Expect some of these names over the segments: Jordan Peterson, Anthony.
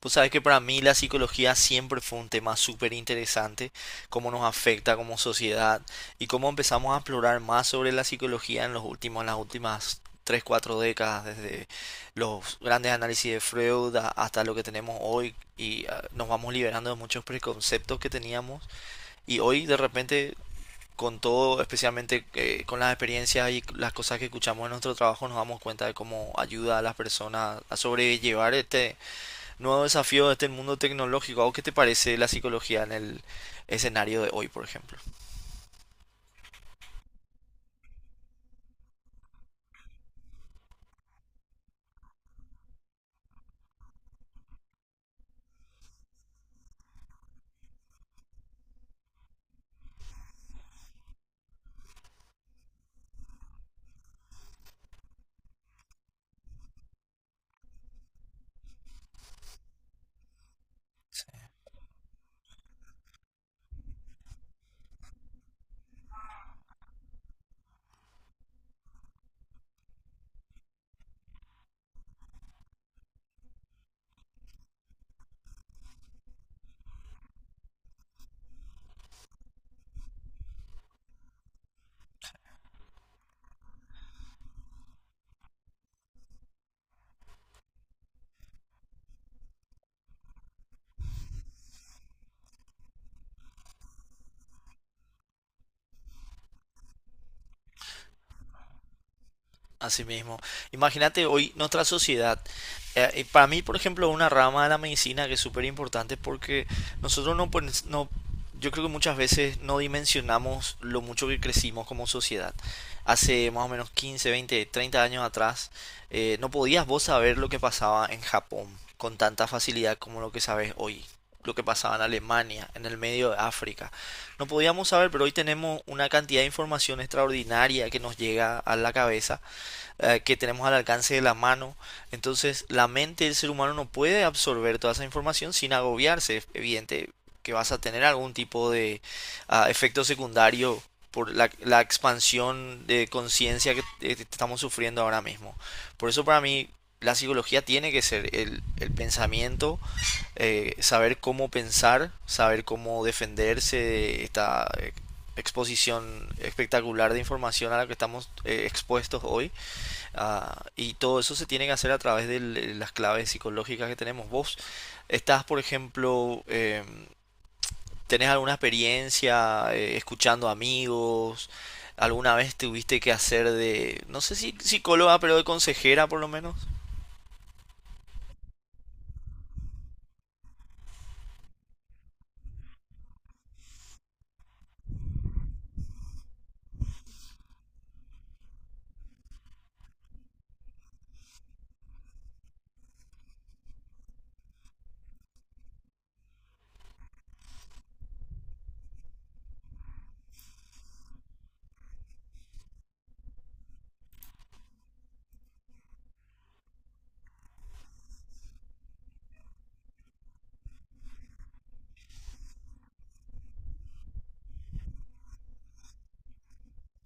Pues sabes que para mí la psicología siempre fue un tema súper interesante, cómo nos afecta como sociedad y cómo empezamos a explorar más sobre la psicología en las últimas 3 4 décadas, desde los grandes análisis de Freud hasta lo que tenemos hoy y nos vamos liberando de muchos preconceptos que teníamos y hoy de repente con todo, especialmente con las experiencias y las cosas que escuchamos en nuestro trabajo, nos damos cuenta de cómo ayuda a las personas a sobrellevar este nuevo desafío de este mundo tecnológico. ¿A vos qué te parece la psicología en el escenario de hoy, por ejemplo? Así mismo. Imagínate hoy nuestra sociedad. Y para mí, por ejemplo, una rama de la medicina que es súper importante porque nosotros no, no, yo creo que muchas veces no dimensionamos lo mucho que crecimos como sociedad. Hace más o menos 15 20 30 años atrás, no podías vos saber lo que pasaba en Japón con tanta facilidad como lo que sabes hoy. Lo que pasaba en Alemania, en el medio de África. No podíamos saber, pero hoy tenemos una cantidad de información extraordinaria que nos llega a la cabeza, que tenemos al alcance de la mano. Entonces, la mente del ser humano no puede absorber toda esa información sin agobiarse. Es evidente que vas a tener algún tipo de efecto secundario por la expansión de conciencia que estamos sufriendo ahora mismo. Por eso para mí la psicología tiene que ser el pensamiento, saber cómo pensar, saber cómo defenderse de esta exposición espectacular de información a la que estamos expuestos hoy. Ah, y todo eso se tiene que hacer a través de las claves psicológicas que tenemos. Vos estás, por ejemplo, tenés alguna experiencia escuchando amigos, alguna vez tuviste que hacer de, no sé si psicóloga, pero de consejera por lo menos.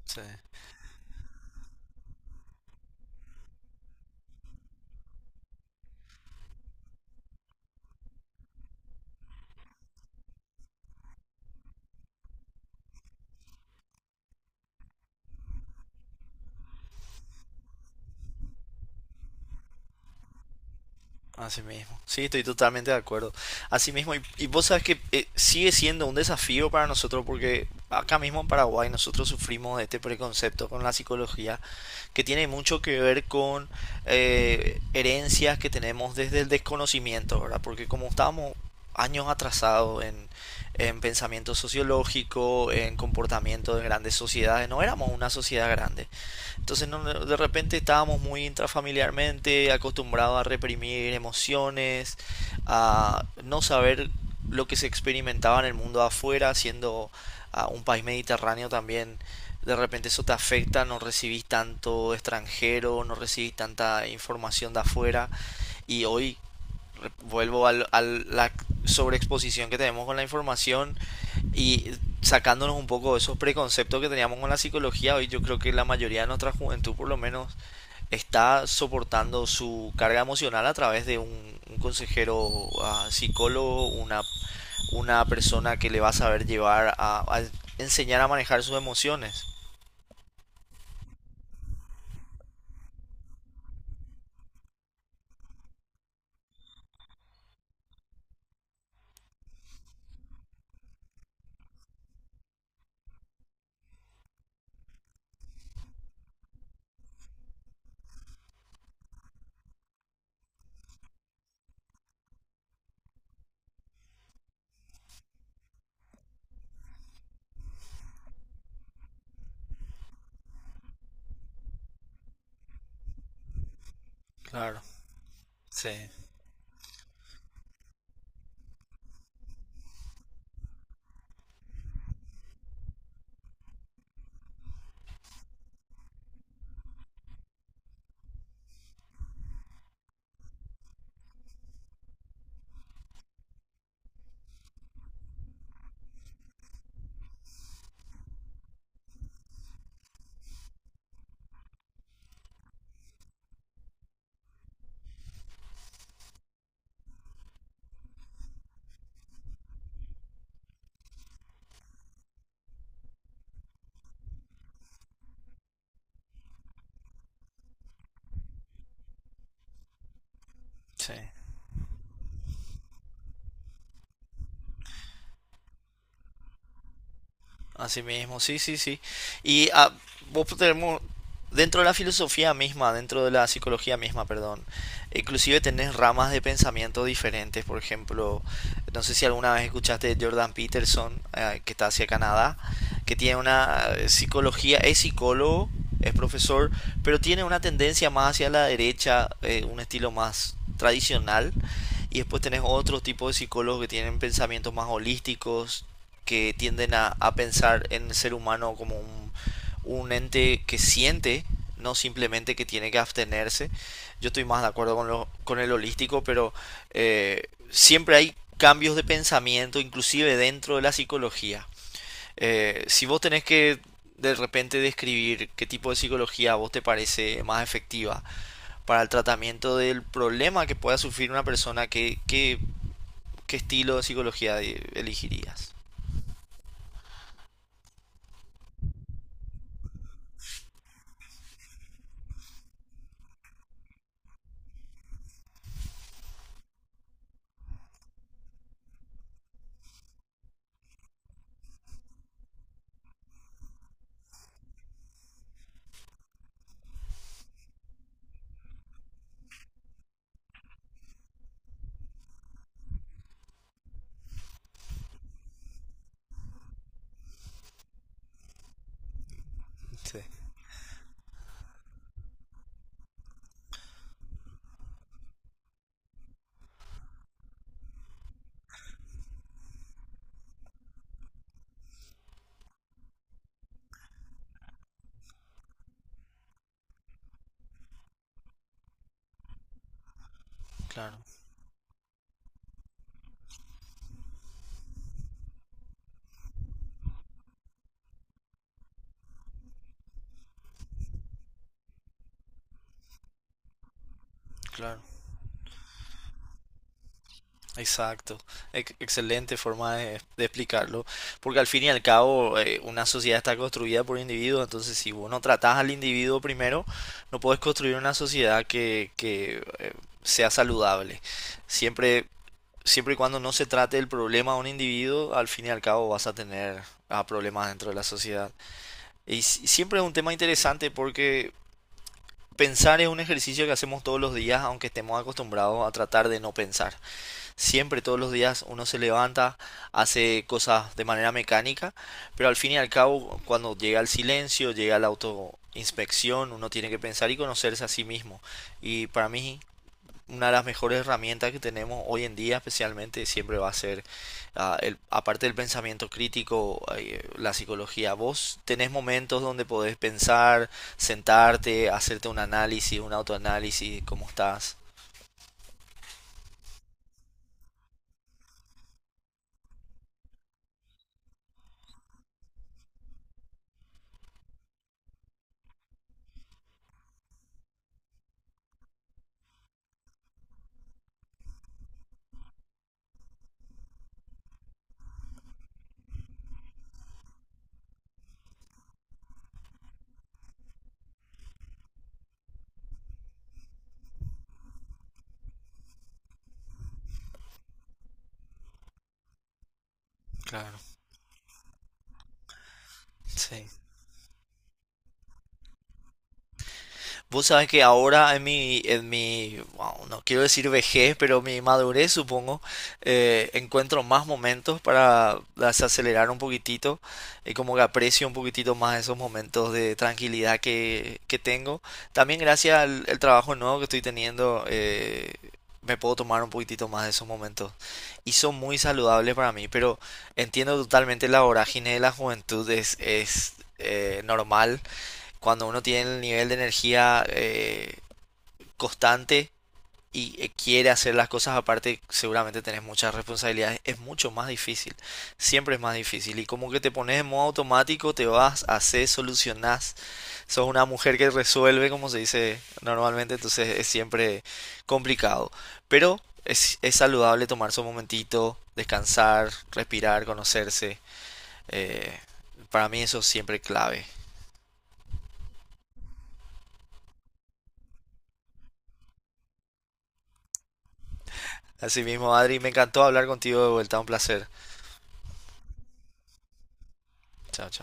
Sí. Así mismo. Sí, estoy totalmente de acuerdo. Así mismo, y vos sabes que sigue siendo un desafío para nosotros porque acá mismo en Paraguay nosotros sufrimos de este preconcepto con la psicología que tiene mucho que ver con herencias que tenemos desde el desconocimiento, ¿verdad? Porque como estábamos años atrasados en pensamiento sociológico, en comportamiento de grandes sociedades, no éramos una sociedad grande. Entonces no, no, de repente estábamos muy intrafamiliarmente acostumbrados a reprimir emociones, a no saber lo que se experimentaba en el mundo afuera, siendo un país mediterráneo también. De repente eso te afecta, no recibís tanto extranjero, no recibís tanta información de afuera. Y hoy vuelvo a la sobreexposición que tenemos con la información, y sacándonos un poco de esos preconceptos que teníamos con la psicología, hoy yo creo que la mayoría de nuestra juventud por lo menos está soportando su carga emocional a través de un consejero psicólogo, una persona que le va a saber llevar a enseñar a manejar sus emociones. Claro, sí, sí. Así mismo, sí, sí, sí. Y vos tenemos, dentro de la filosofía misma, dentro de la psicología misma, perdón, inclusive tenés ramas de pensamiento diferentes. Por ejemplo, no sé si alguna vez escuchaste de Jordan Peterson, que está hacia Canadá, que tiene una psicología, es psicólogo, es profesor, pero tiene una tendencia más hacia la derecha, un estilo más tradicional. Y después tenés otro tipo de psicólogos que tienen pensamientos más holísticos, que tienden a pensar en el ser humano como un ente que siente, no simplemente que tiene que abstenerse. Yo estoy más de acuerdo con el holístico, pero eh, siempre hay cambios de pensamiento, inclusive dentro de la psicología. Si vos tenés que de repente describir qué tipo de psicología a vos te parece más efectiva para el tratamiento del problema que pueda sufrir una persona, ¿qué estilo de psicología elegirías? Sí. Claro. Claro, exacto. Excelente forma de explicarlo. Porque al fin y al cabo, una sociedad está construida por individuos. Entonces, si vos no tratás al individuo primero, no podés construir una sociedad que sea saludable. Siempre, siempre y cuando no se trate el problema a un individuo, al fin y al cabo vas a tener problemas dentro de la sociedad. Y siempre es un tema interesante porque pensar es un ejercicio que hacemos todos los días, aunque estemos acostumbrados a tratar de no pensar. Siempre, todos los días uno se levanta, hace cosas de manera mecánica, pero al fin y al cabo, cuando llega el silencio, llega la autoinspección, uno tiene que pensar y conocerse a sí mismo. Y para mí, una de las mejores herramientas que tenemos hoy en día, especialmente, siempre va a ser, aparte del pensamiento crítico, la psicología. Vos tenés momentos donde podés pensar, sentarte, hacerte un análisis, un autoanálisis, cómo estás. Claro, sí. Vos sabés que ahora wow, no quiero decir vejez, pero mi madurez supongo, encuentro más momentos para desacelerar un poquitito y como que aprecio un poquitito más esos momentos de tranquilidad que tengo. También gracias al el trabajo nuevo que estoy teniendo, me puedo tomar un poquitito más de esos momentos y son muy saludables para mí, pero entiendo totalmente la vorágine de la juventud es normal cuando uno tiene el nivel de energía constante y quiere hacer las cosas aparte, seguramente tenés muchas responsabilidades, es mucho más difícil, siempre es más difícil y como que te pones en modo automático, te vas, haces, solucionás, sos una mujer que resuelve, como se dice normalmente, entonces es siempre complicado, pero es saludable tomarse un momentito, descansar, respirar, conocerse, eh, para mí eso es siempre clave. Así mismo, Adri, me encantó hablar contigo de vuelta, un placer. Chao, chao.